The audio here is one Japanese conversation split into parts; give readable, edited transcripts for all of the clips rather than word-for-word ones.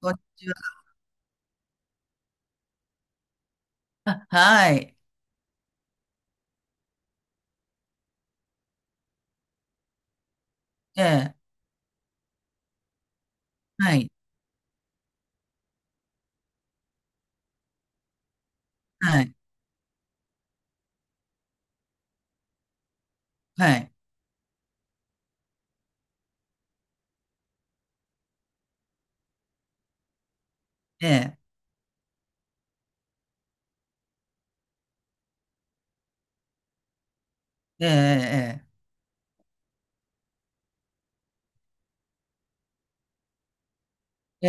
こんにちは。あ、はい。ええ、はい。はい。はい。ええ、ええ、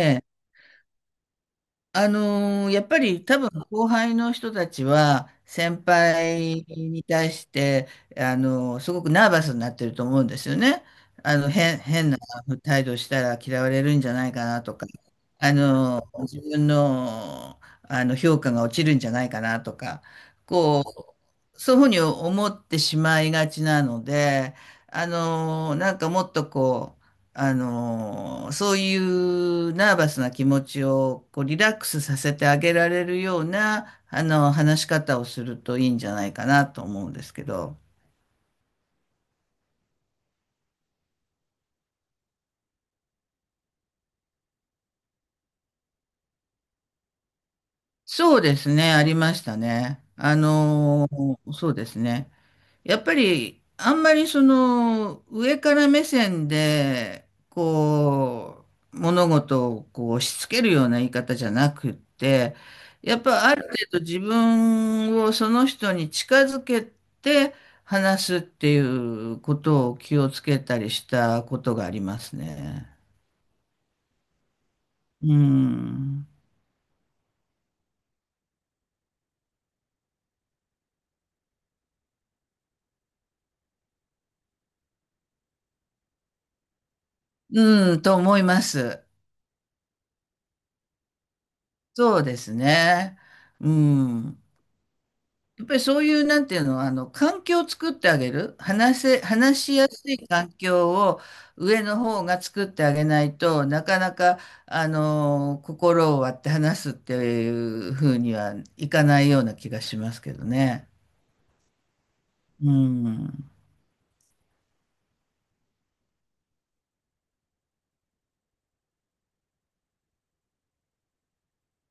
ええ。ええやっぱり多分後輩の人たちは先輩に対して、すごくナーバスになってると思うんですよね。あの、変な態度したら嫌われるんじゃないかなとか、自分の、あの評価が落ちるんじゃないかなとか、こう、そういうふうに思ってしまいがちなので、あの、なんかもっとこう、あの、そういうナーバスな気持ちをこうリラックスさせてあげられるような、あの、話し方をするといいんじゃないかなと思うんですけど。そうですね、ありましたね。あの、そうですね。やっぱり、あんまりその、上から目線で、こう、物事をこう押し付けるような言い方じゃなくって、やっぱある程度自分をその人に近づけて話すっていうことを気をつけたりしたことがありますね。うん。うん、と思います。そうですね。うん。やっぱりそういう、なんていうの、あの、環境を作ってあげる。話しやすい環境を上の方が作ってあげないとなかなか、あの、心を割って話すっていうふうにはいかないような気がしますけどね。うん。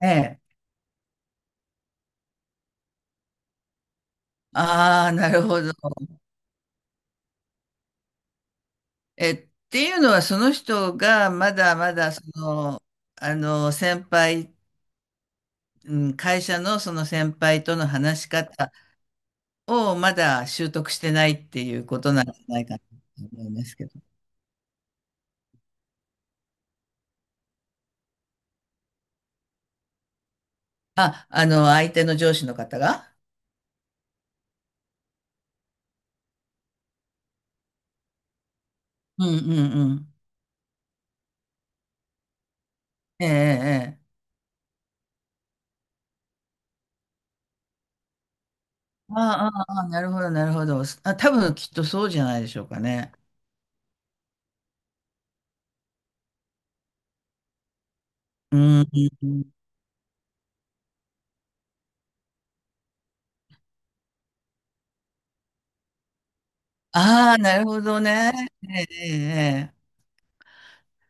ええ。ああ、なるほど。え、っていうのは、その人がまだまだ、その、あの、先輩、うん、会社のその先輩との話し方、をまだ習得してないっていうことなんじゃないかなと思いますけど。あ、あの、相手の上司の方がうんうんうん。ええ、ええ。ああ、ああ、なるほど、なるほど。あ、多分きっとそうじゃないでしょうかね。うん。ああ、なるほどね。ええ、ええ。ええ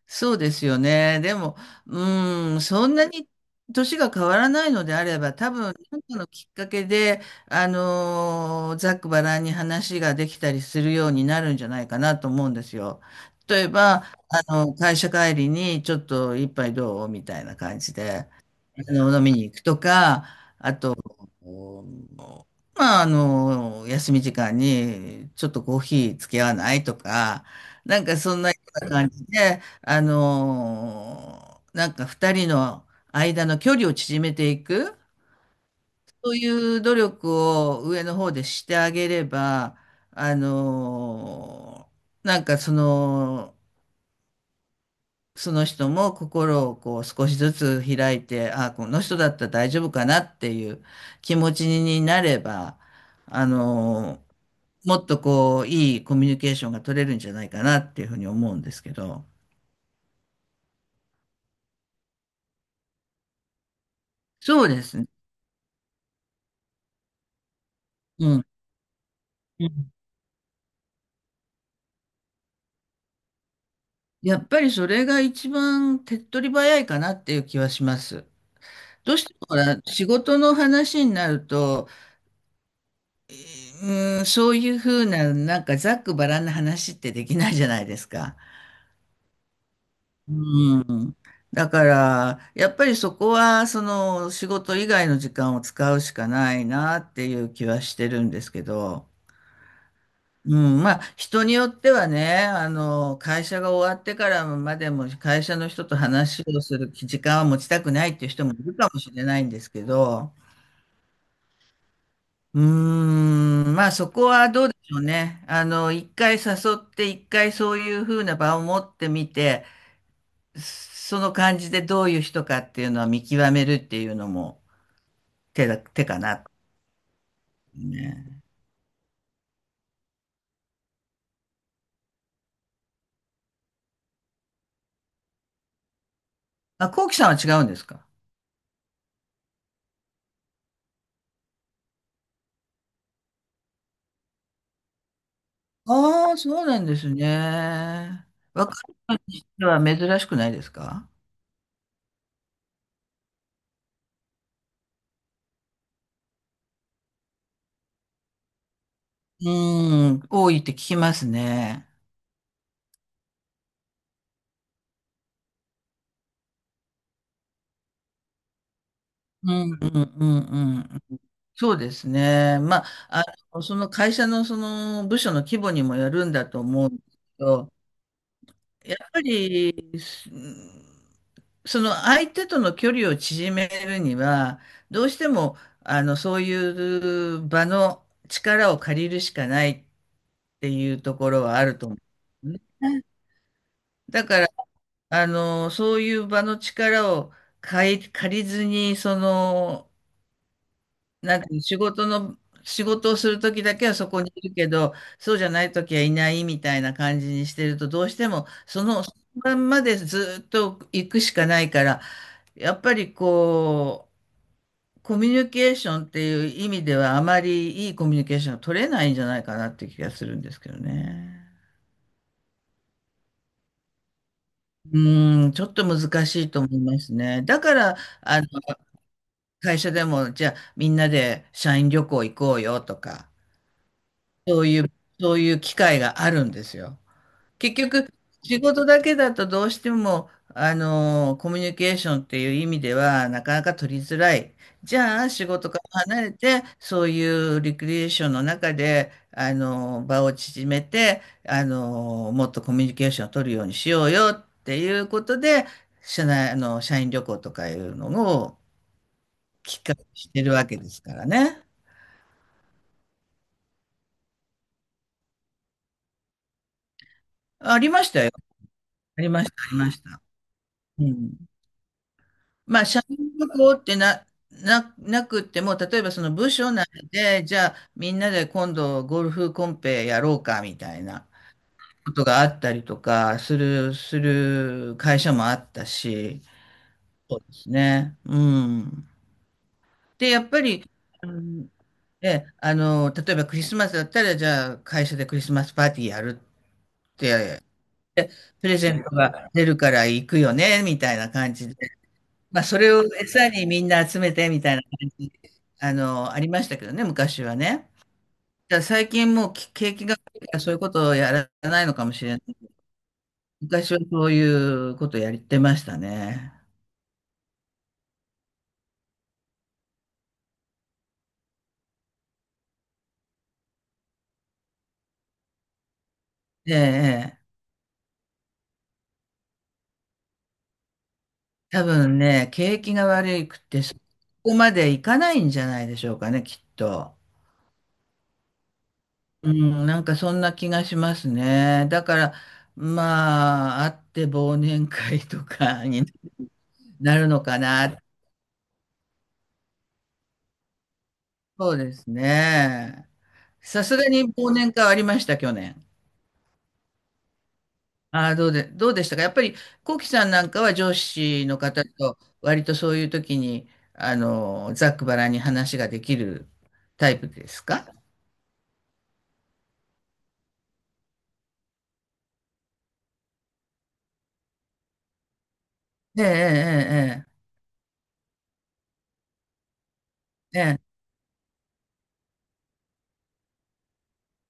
そうですよね。でも、うん、そんなに年が変わらないのであれば、多分、何かのきっかけで、ざっくばらんに話ができたりするようになるんじゃないかなと思うんですよ。例えば、あの、会社帰りにちょっと一杯どうみたいな感じで、あの、飲みに行くとか、おまあ、あの、休み時間に、ちょっとコーヒー付き合わないとか、なんかそんなような感じで、あの、なんか二人の間の距離を縮めていく、そういう努力を上の方でしてあげれば、あの、なんかその、その人も心をこう少しずつ開いて、あ、この人だったら大丈夫かなっていう気持ちになれば、あの、もっとこう、いいコミュニケーションが取れるんじゃないかなっていうふうに思うんですけど。そうですね。うん。うんやっぱりそれが一番手っ取り早いかなっていう気はします。どうしてもほら、仕事の話になると、そういうふうな、なんかざっくばらんな話ってできないじゃないですか。うだから、やっぱりそこは、その、仕事以外の時間を使うしかないなっていう気はしてるんですけど、うん、まあ、人によってはね、あの、会社が終わってからまでも会社の人と話をする時間は持ちたくないっていう人もいるかもしれないんですけど、うーん、まあ、そこはどうでしょうね。あの、一回誘って、一回そういうふうな場を持ってみて、その感じでどういう人かっていうのは見極めるっていうのも、手かな。ね。あ、こうきさんは違うんですか？ああー、そうなんですね。若い人は珍しくないですか？うーん、多いって聞きますね。うん、うん、うん、うん。そうですね。まあ、あの、その会社のその部署の規模にもよるんだと思うんですけど、やっぱり、うんその相手との距離を縮めるには、どうしても、あの、そういう場の力を借りるしかないっていうところはあると思うね。だから、あの、そういう場の力を借りずに、その、なんていう仕事の、仕事をするときだけはそこにいるけど、そうじゃないときはいないみたいな感じにしてると、どうしても、その、そのまんまでずっと行くしかないから、やっぱりこう、コミュニケーションっていう意味ではあまりいいコミュニケーションが取れないんじゃないかなっていう気がするんですけどね。うん、ちょっと難しいと思いますね。だから、あの、会社でも、じゃあみんなで社員旅行行こうよとか、そういう、そういう機会があるんですよ。結局、仕事だけだとどうしても、あの、コミュニケーションっていう意味では、なかなか取りづらい。じゃあ、仕事から離れて、そういうリクリエーションの中で、あの、場を縮めて、あの、もっとコミュニケーションを取るようにしようよっていうことで、社内、あの、社員旅行とかいうのをきっかけにしてるわけですからね。ありましたよ。ありました、ありました。うん。まあ、社員旅行ってな、な、なくっても、例えばその部署内で、じゃあみんなで今度ゴルフコンペやろうかみたいなことがあったりとかする会社もあったし、そうですね。うん。で、やっぱり、うんえ、あの、例えばクリスマスだったら、じゃあ会社でクリスマスパーティーやるって、プレゼントが出るから行くよね、みたいな感じで。まあ、それを餌にみんな集めてみたいな感じ、あの、ありましたけどね、昔はね。だから最近もう景気が悪いからそういうことをやらないのかもしれない。昔はそういうことをやってましたね。ええ、ええ多分ね、景気が悪くてそこまでいかないんじゃないでしょうかね、きっと。うん、なんかそんな気がしますね。だから、まあ、あって忘年会とかになるのかな。そうですね。さすがに忘年会はありました、去年。ああ、どうでしたかやっぱり、コウキさんなんかは上司の方と、割とそういう時に、あの、ざっくばらんに話ができるタイプですか？ええ、ええ、ええ。ええ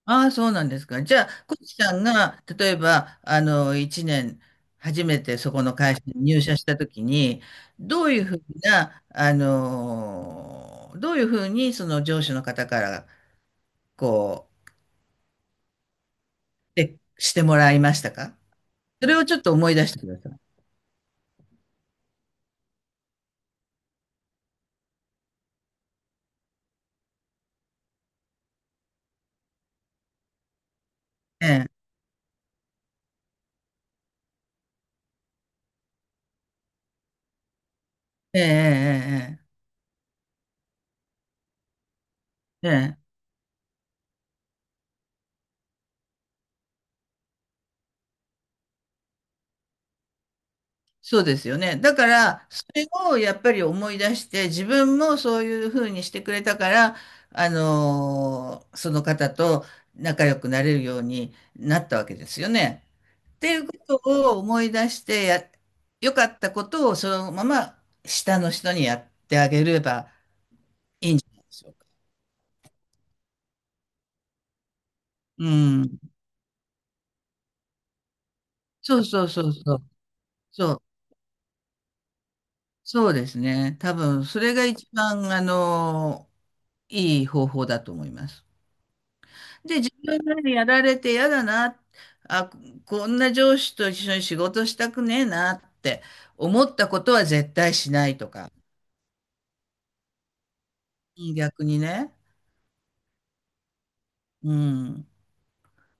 ああ、そうなんですか。じゃあ、コウキさんが、例えば、あの、1年、初めてそこの会社に入社した時に、どういうふうな、あの、どういうふうに、その上司の方から、こで、してもらいましたか？それをちょっと思い出してください。ええ、ええ、ええ、ええ、ええそうですよね。だから、それをやっぱり思い出して、自分もそういうふうにしてくれたから、その方と仲良くなれるようになったわけですよね。っていうことを思い出して良かったことをそのまま下の人にやってあげれば、うん。そうそうそうそう。そう。そうですね。多分、それが一番、あの、いい方法だと思います。で、自分がやられて嫌だな、あ、こんな上司と一緒に仕事したくねえなって思ったことは絶対しないとか、逆にね。うん。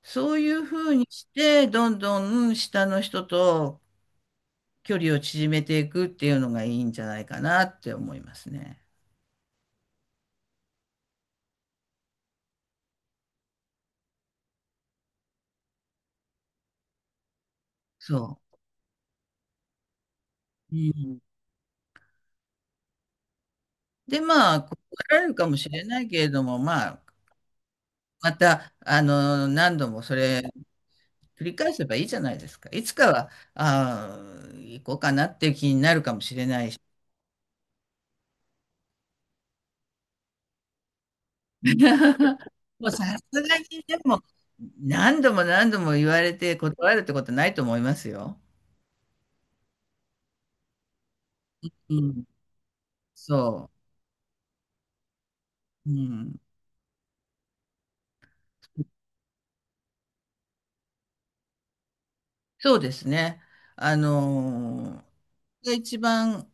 そういうふうにして、どんどん下の人と距離を縮めていくっていうのがいいんじゃないかなって思いますね。そう。うん。で、まあ、断られるかもしれないけれども、まあ、また、あの、何度もそれ繰り返せばいいじゃないですか。いつかは、あー行こうかなっていう気になるかもしれないし。もうさすがにでも、何度も何度も言われて断るってことないと思いますよ。うん。そう。うん。そうですね。あのが一番、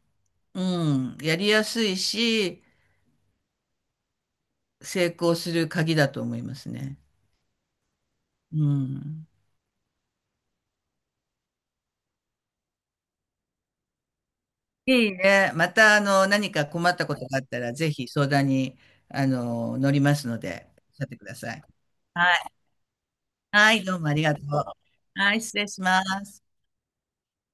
うん、やりやすいし、成功する鍵だと思いますね。うん。いいね。また、あの、何か困ったことがあったら、ぜひ相談に、あの、乗りますので、おっしゃってください。はい。はい、どうもありがとう。はい、失礼します。